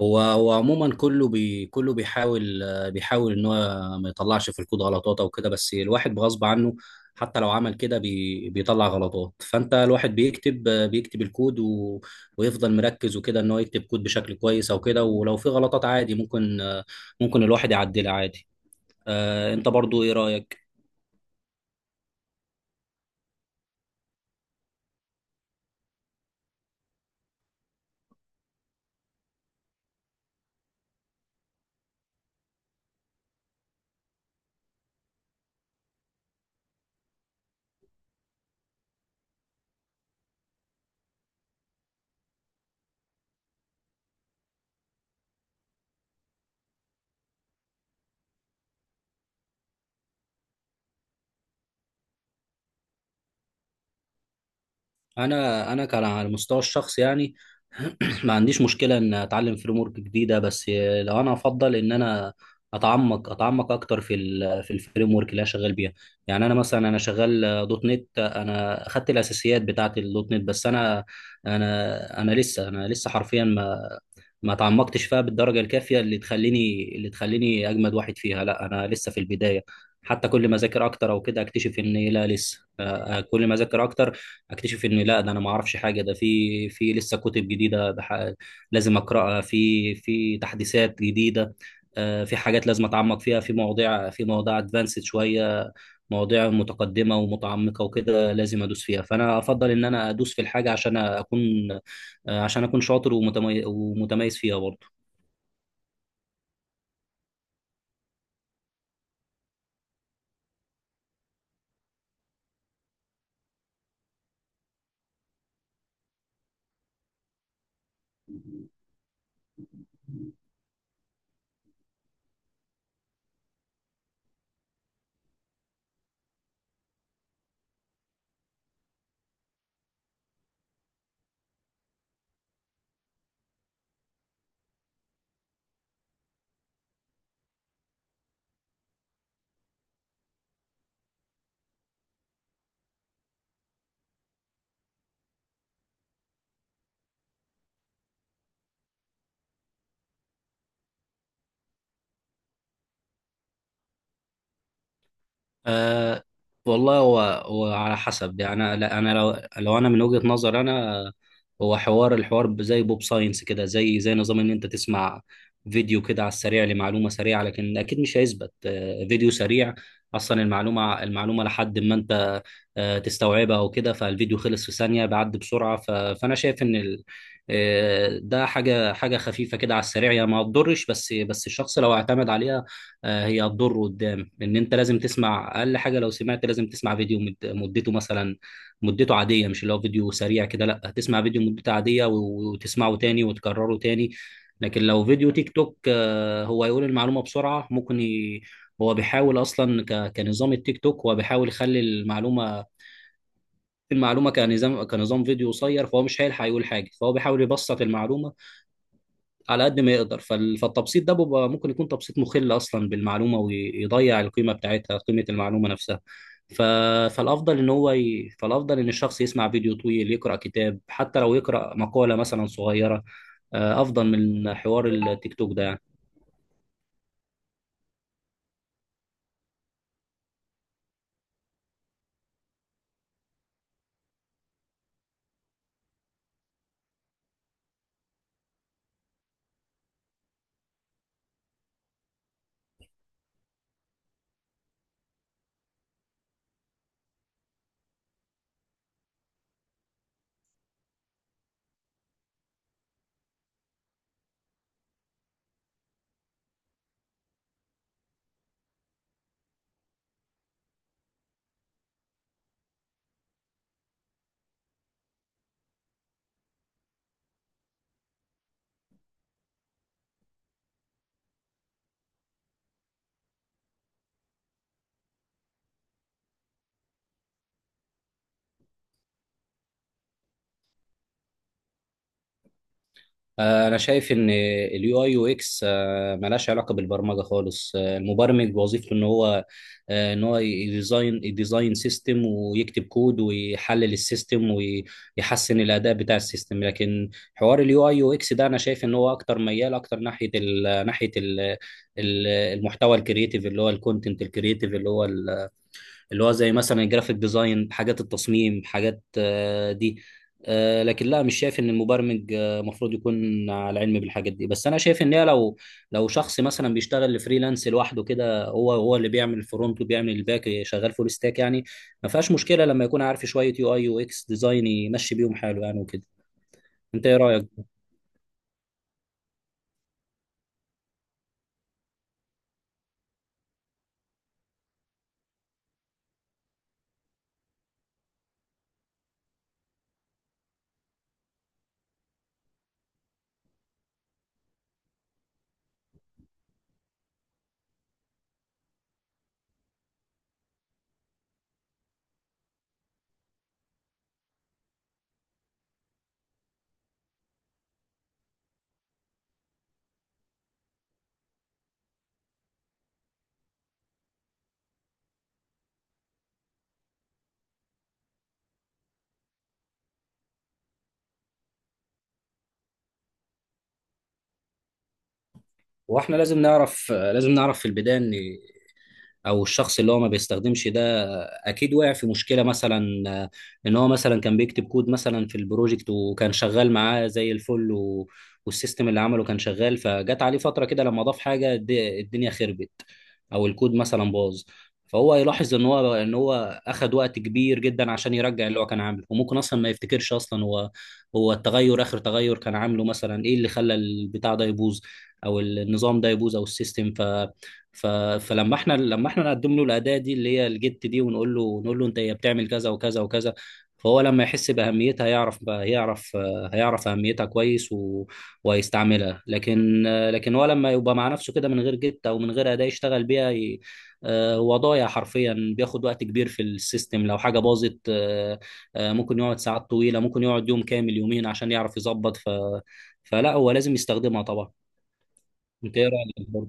هو عموما، كله بيحاول ان هو ما يطلعش في الكود غلطات او كده، بس الواحد بغصب عنه حتى لو عمل كده بيطلع غلطات. فانت الواحد بيكتب الكود ويفضل مركز وكده ان هو يكتب كود بشكل كويس او كده، ولو في غلطات عادي ممكن الواحد يعدلها عادي. انت برضو ايه رأيك؟ انا كان على المستوى الشخصي يعني ما عنديش مشكله ان اتعلم فريم ورك جديده، بس لو انا افضل ان انا اتعمق اكتر في الفريم ورك اللي انا شغال بيها. يعني انا مثلا انا شغال دوت نت، انا اخدت الاساسيات بتاعه الدوت نت، بس انا لسه حرفيا ما تعمقتش فيها بالدرجة الكافية اللي تخليني أجمد واحد فيها. لا، أنا لسه في البداية، حتى كل ما أذاكر أكتر أو كده أكتشف إن لا لسه كل ما أذاكر أكتر أكتشف إن لا، ده أنا ما أعرفش حاجة، ده في لسه كتب جديدة ده لازم أقرأها، في تحديثات جديدة. في حاجات لازم أتعمق فيها، في مواضيع أدفانسد شوية، مواضيع متقدمة ومتعمقة وكده لازم أدوس فيها. فأنا أفضل إن أنا أدوس في الحاجة عشان أكون عشان اكون شاطر ومتميز فيها برضه. أه. والله هو على حسب يعني، لا انا، لو انا من وجهة نظر انا هو الحوار زي بوب ساينس كده، زي نظام ان انت تسمع فيديو كده على السريع لمعلومة سريعة. لكن اكيد مش هيثبت، فيديو سريع اصلا المعلومة لحد ما انت تستوعبها او كده، فالفيديو خلص في ثانية، بيعدي بسرعة. فانا شايف ان ده حاجة حاجة خفيفة كده على السريع يعني، ما تضرش. بس الشخص لو اعتمد عليها، هي هتضر قدام. ان انت لازم تسمع اقل حاجه لو سمعت، لازم تسمع فيديو مدته مثلا مدته عاديه، مش اللي هو فيديو سريع كده. لا، تسمع فيديو مدته عاديه وتسمعه تاني وتكرره تاني. لكن لو فيديو تيك توك، هو يقول المعلومه بسرعه، ممكن. هو بيحاول اصلا كنظام التيك توك، هو بيحاول يخلي المعلومه، كنظام فيديو قصير. فهو مش هيلحق يقول حاجه، فهو بيحاول يبسط المعلومه على قد ما يقدر. فالتبسيط ده بيبقى ممكن يكون تبسيط مخل اصلا بالمعلومه، ويضيع القيمه بتاعتها، قيمه المعلومه نفسها. ف... فالافضل ان الشخص يسمع فيديو طويل، يقرا كتاب حتى، لو يقرا مقاله مثلا صغيره، افضل من حوار التيك توك ده يعني. انا شايف ان اليو اي يو اكس ملهاش علاقه بالبرمجه خالص. المبرمج وظيفته ان هو يديزاين سيستم ويكتب كود ويحلل السيستم ويحسن الاداء بتاع السيستم. لكن حوار اليو اي يو اكس ده انا شايف ان هو اكتر ميال، اكتر ناحيه ال ناحيه ال المحتوى الكرييتيف اللي هو الكونتنت الكرييتيف، اللي هو زي مثلا الجرافيك ديزاين، حاجات التصميم، حاجات، دي. لكن لا، مش شايف ان المبرمج المفروض يكون على علم بالحاجات دي، بس انا شايف ان هي لو شخص مثلا بيشتغل فريلانس لوحده كده، هو اللي بيعمل الفرونت وبيعمل الباك، شغال فول ستاك يعني، ما فيهاش مشكله لما يكون عارف شويه يو اي يو اكس ديزاين، يمشي بيهم حاله يعني وكده. انت ايه رايك؟ واحنا لازم نعرف، في البدايه ان او الشخص اللي هو ما بيستخدمش ده اكيد وقع في مشكله مثلا. آه، ان هو مثلا كان بيكتب كود مثلا في البروجكت، وكان شغال معاه زي الفل والسيستم اللي عمله كان شغال، فجت عليه فتره كده لما ضاف حاجه الدنيا خربت او الكود مثلا باظ. فهو يلاحظ ان هو اخد وقت كبير جدا عشان يرجع اللي هو كان عامله، وممكن اصلا ما يفتكرش اصلا هو التغير، اخر تغير كان عامله مثلا ايه اللي خلى البتاع ده يبوظ او النظام ده يبوظ او السيستم. ف ف فلما احنا نقدم له الاداه دي اللي هي الجيت دي، ونقول له انت هي بتعمل كذا وكذا وكذا. فهو لما يحس باهميتها، يعرف، هيعرف اهميتها كويس ويستعملها. لكن هو لما يبقى مع نفسه كده من غير جت او من غير اداة يشتغل بيها، هو ضايع حرفيا، بياخد وقت كبير في السيستم لو حاجة باظت. ممكن يقعد ساعات طويلة، ممكن يقعد يوم كامل، يومين عشان يعرف يظبط. فلا، هو لازم يستخدمها طبعا. انت ايه رأيك؟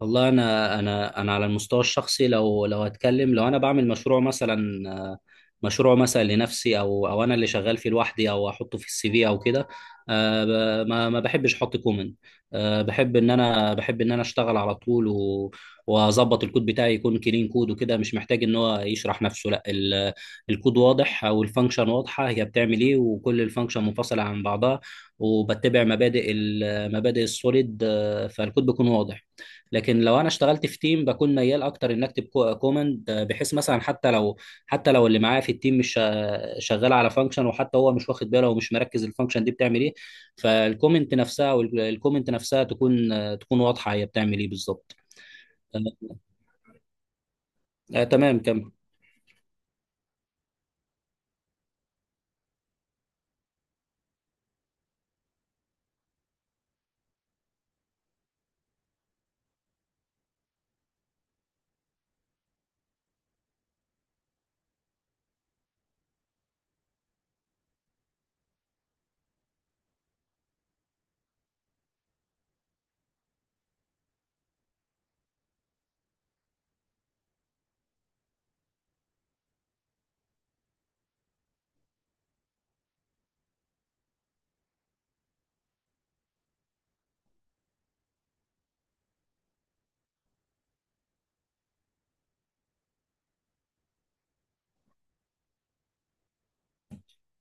والله انا على المستوى الشخصي لو هتكلم، لو انا بعمل مشروع مثلا لنفسي، او انا اللي شغال فيه لوحدي، او احطه في السي في او كده، آه، ما بحبش احط كومنت. بحب ان انا اشتغل على طول واظبط الكود بتاعي، يكون كلين كود وكده، مش محتاج ان هو يشرح نفسه. لا، الكود واضح، او الفانكشن واضحه هي بتعمل ايه، وكل الفانكشن منفصله عن بعضها وبتبع مبادئ مبادئ السوليد. فالكود بيكون واضح. لكن لو انا اشتغلت في تيم، بكون ميال اكتر ان اكتب كومند، بحيث مثلا حتى لو، اللي معايا في التيم مش شغال على فانكشن، وحتى هو مش واخد باله ومش مركز الفانكشن دي بتعمل ايه. فالكومنت نفسها تكون واضحه هي بتعمل ايه بالظبط. آه، آه، تمام، كمل.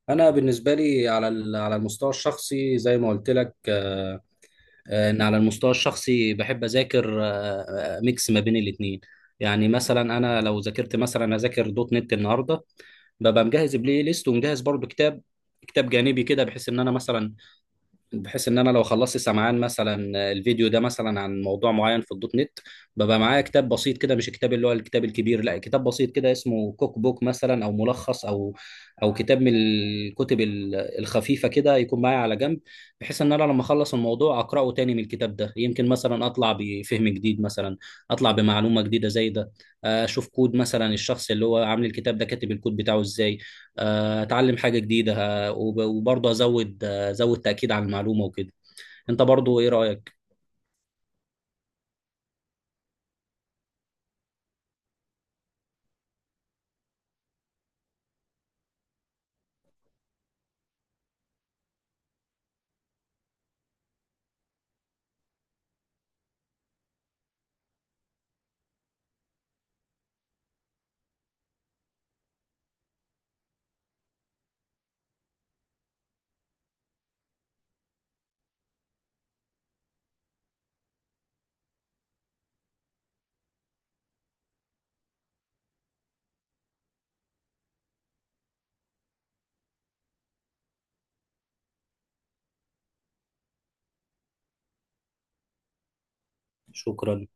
انا بالنسبه لي على على المستوى الشخصي زي ما قلت لك، ان على المستوى الشخصي بحب اذاكر ميكس ما بين الاثنين. يعني مثلا انا لو ذاكرت مثلا اذاكر دوت نت النهارده، ببقى مجهز بلاي ليست ومجهز برضو كتاب، كتاب جانبي كده، بحيث ان انا لو خلصت سمعان مثلا الفيديو ده مثلا عن موضوع معين في الدوت نت، ببقى معايا كتاب بسيط كده، مش الكتاب اللي هو الكتاب الكبير. لا، كتاب بسيط كده اسمه كوك بوك مثلا او ملخص او كتاب من الكتب الخفيفه كده، يكون معايا على جنب، بحيث ان انا لما اخلص الموضوع اقراه تاني من الكتاب ده، يمكن مثلا اطلع بفهم جديد مثلا، اطلع بمعلومه جديده زي ده، اشوف كود مثلا الشخص اللي هو عامل الكتاب ده كاتب الكود بتاعه ازاي، اتعلم حاجه جديده، وبرضه ازود تأكيد على المعلومة وكده. انت برضو ايه رأيك؟ شكرا.